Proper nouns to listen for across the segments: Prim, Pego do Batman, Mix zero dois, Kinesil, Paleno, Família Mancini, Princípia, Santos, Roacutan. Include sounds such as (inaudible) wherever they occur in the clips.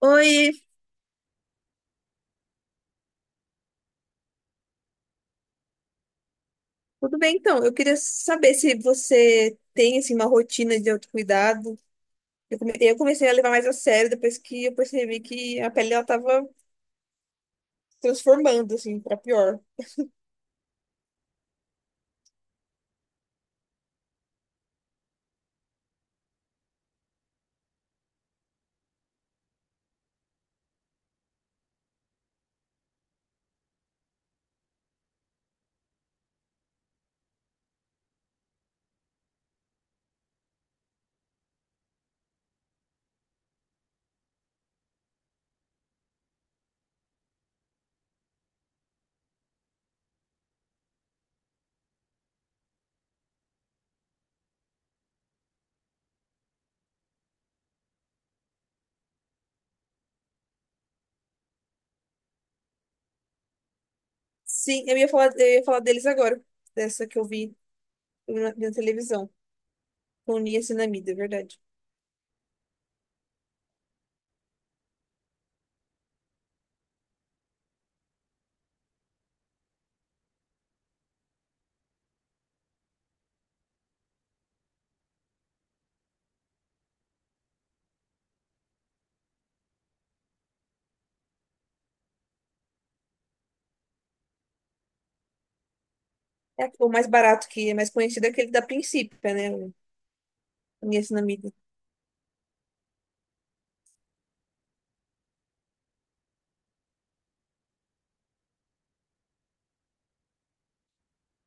Oi, tudo bem então? Eu queria saber se você tem assim, uma rotina de autocuidado. Eu comecei a levar mais a sério depois que eu percebi que a pele ela tava transformando assim para pior. Sim, eu ia falar deles agora, dessa que eu vi na televisão, com niacinamida, é verdade. É o mais barato que é mais conhecido é aquele da Princípia, né? O niacinamida.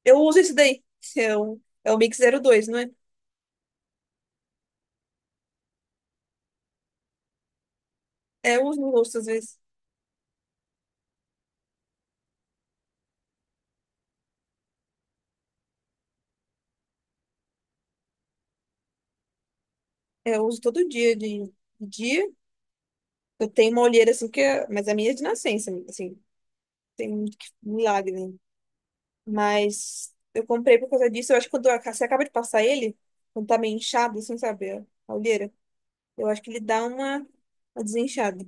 Eu uso esse daí, que é o Mix zero dois, não é? É, eu uso no rosto às vezes. É, eu uso todo dia de dia. Eu tenho uma olheira assim, mas a minha é de nascença, assim, tem muito milagre, né? Mas eu comprei por causa disso. Eu acho que quando você acaba de passar ele, quando tá meio inchado, assim, sabe, a olheira, eu acho que ele dá uma desinchada.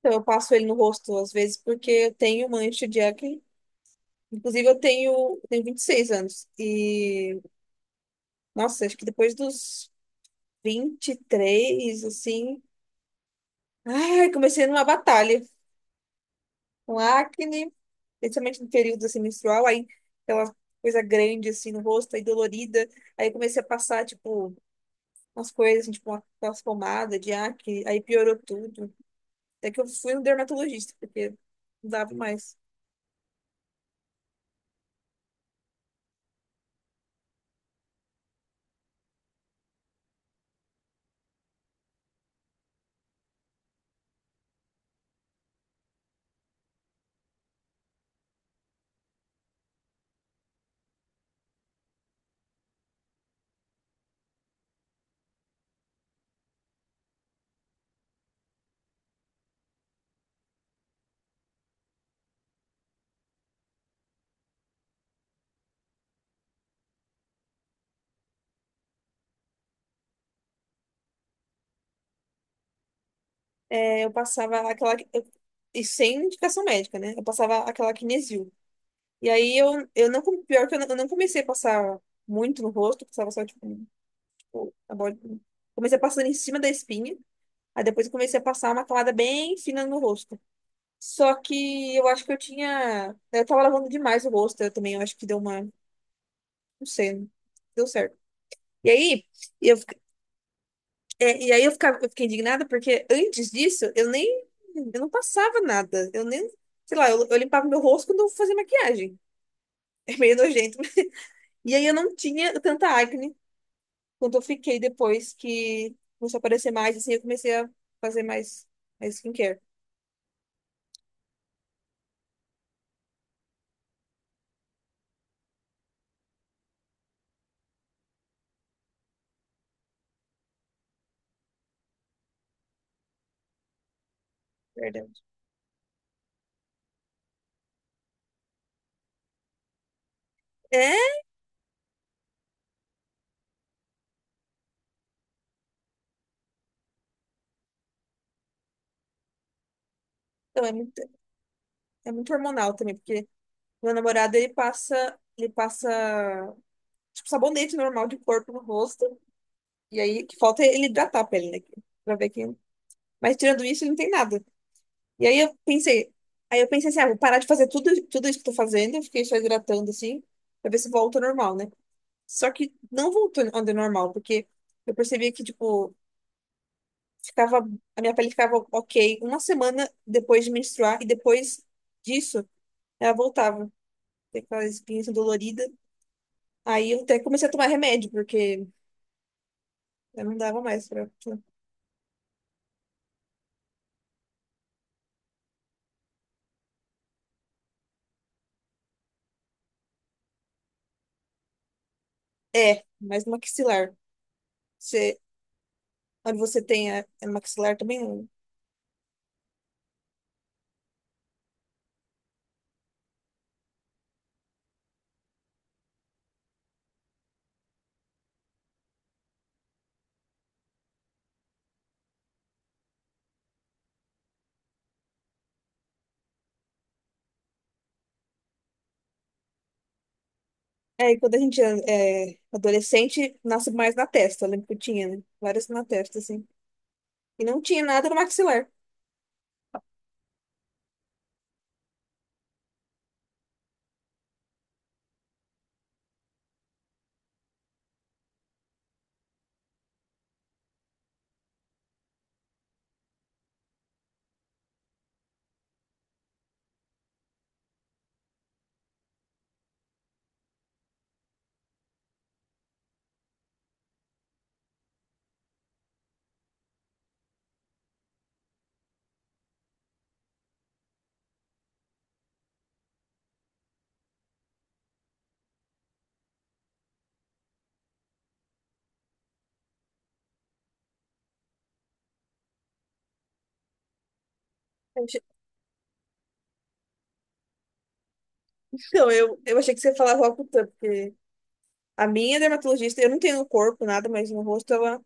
Então eu passo ele no rosto às vezes porque eu tenho mancha de acne. Inclusive eu tenho 26 anos e, nossa, acho que depois dos 23 assim, ai, comecei numa batalha com acne. Principalmente no período assim, menstrual, aí aquela coisa grande assim no rosto, aí dolorida. Aí eu comecei a passar, tipo, umas coisas, assim, tipo, aquelas pomadas de acne, aí piorou tudo. Até que eu fui no dermatologista, porque não dava mais. É, eu passava aquela e sem indicação médica, né? Eu passava aquela Kinesil. E aí eu não. com- pior que eu não comecei a passar muito no rosto, passava só, tipo, tipo a borda. Comecei a passar em cima da espinha. Aí depois eu comecei a passar uma camada bem fina no rosto. Só que eu acho que eu tinha. Eu tava lavando demais o rosto, eu também. Eu acho que deu uma. Não sei, deu certo. E aí, eu, fi- é, e aí eu, ficava, eu fiquei indignada porque antes disso eu nem. Eu não passava nada. Eu nem. Sei lá, eu limpava meu rosto quando eu fazia maquiagem. (laughs) É meio nojento. (laughs) E aí eu não tinha tanta acne quanto eu fiquei depois que começou a aparecer mais, assim, eu comecei a fazer mais skincare. Verdade. É, então é muito hormonal também, porque. Meu namorado, ele passa, tipo, sabonete normal de corpo no rosto. E aí, o que falta é ele hidratar a pele, né? Pra ver que... Mas tirando isso, ele não tem nada. E aí eu pensei assim, ah, vou parar de fazer tudo, tudo isso que eu tô fazendo. Eu fiquei só hidratando, assim, pra ver se volta ao normal, né? Só que não voltou ao normal, porque eu percebi que, tipo, ficava, a minha pele ficava ok uma semana depois de menstruar. E depois disso, ela voltava. Tem aquela espinha assim, dolorida. Aí eu até comecei a tomar remédio, porque eu não dava mais pra. É, mas no maxilar. Você, quando você tem a, é no maxilar também. Não. É, e quando a gente é adolescente, nasce mais na testa. Eu lembro que eu tinha, né? Várias na testa, assim. E não tinha nada no maxilar. Eu achei- (laughs) Então, eu achei que você falava ocultando, porque a minha dermatologista, eu não tenho no corpo nada, mas no rosto ela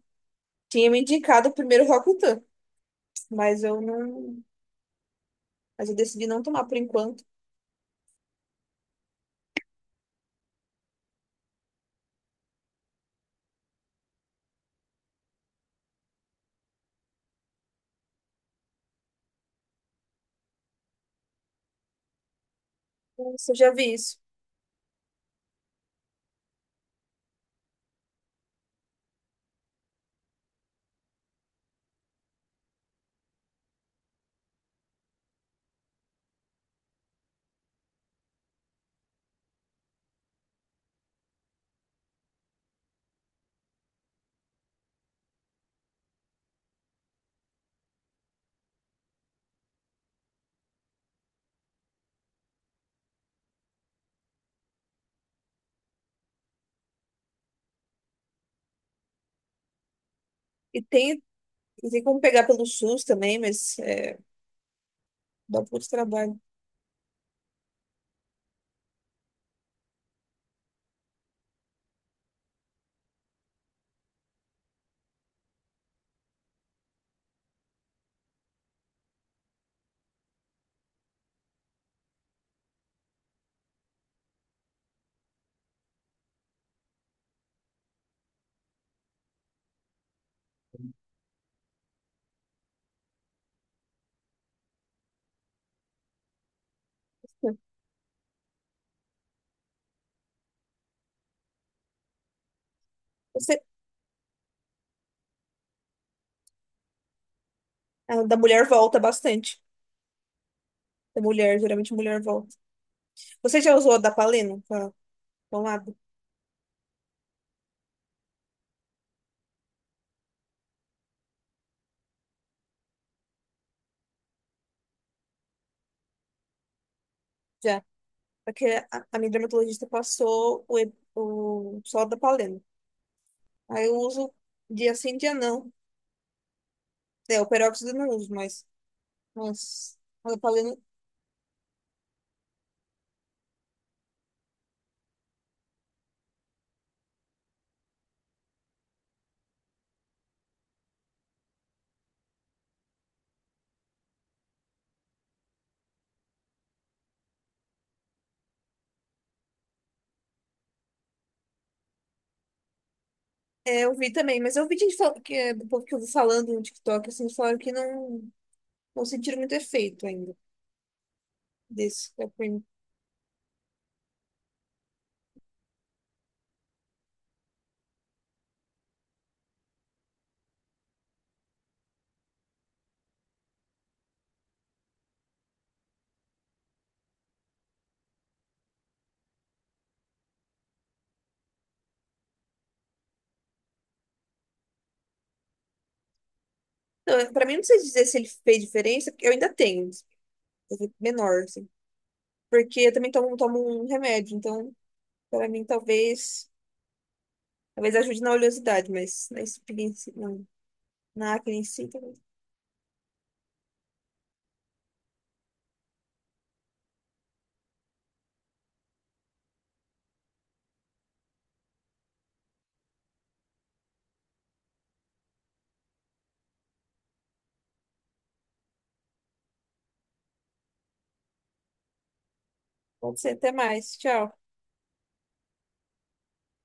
tinha me indicado o primeiro Roacutan. Mas eu não. Mas eu decidi não tomar por enquanto. Nossa, eu já vi isso. E tem Não tem como pegar pelo SUS também, mas é, dá um pouco de trabalho. Você, a da mulher volta bastante. Da mulher, geralmente a mulher volta. Você já usou a da Paleno? Pra um lado? Já. Porque a minha dermatologista passou o só da Paleno. Aí eu uso dia sim, dia não. É, o peróxido eu não uso, mas. Mas a da Paleno. É, eu vi também, mas eu vi gente que, é, do povo que eu vi falando no TikTok, assim, falaram que não, não sentiram muito efeito ainda desse. Da Prim. Não, pra mim, não sei dizer se ele fez diferença, porque eu ainda tenho, assim, menor, assim. Porque eu também tomo, tomo um remédio, então, pra mim, talvez, talvez ajude na oleosidade, mas na espinha, em si, não, na acne em si, talvez. Pode ser, até mais. Tchau.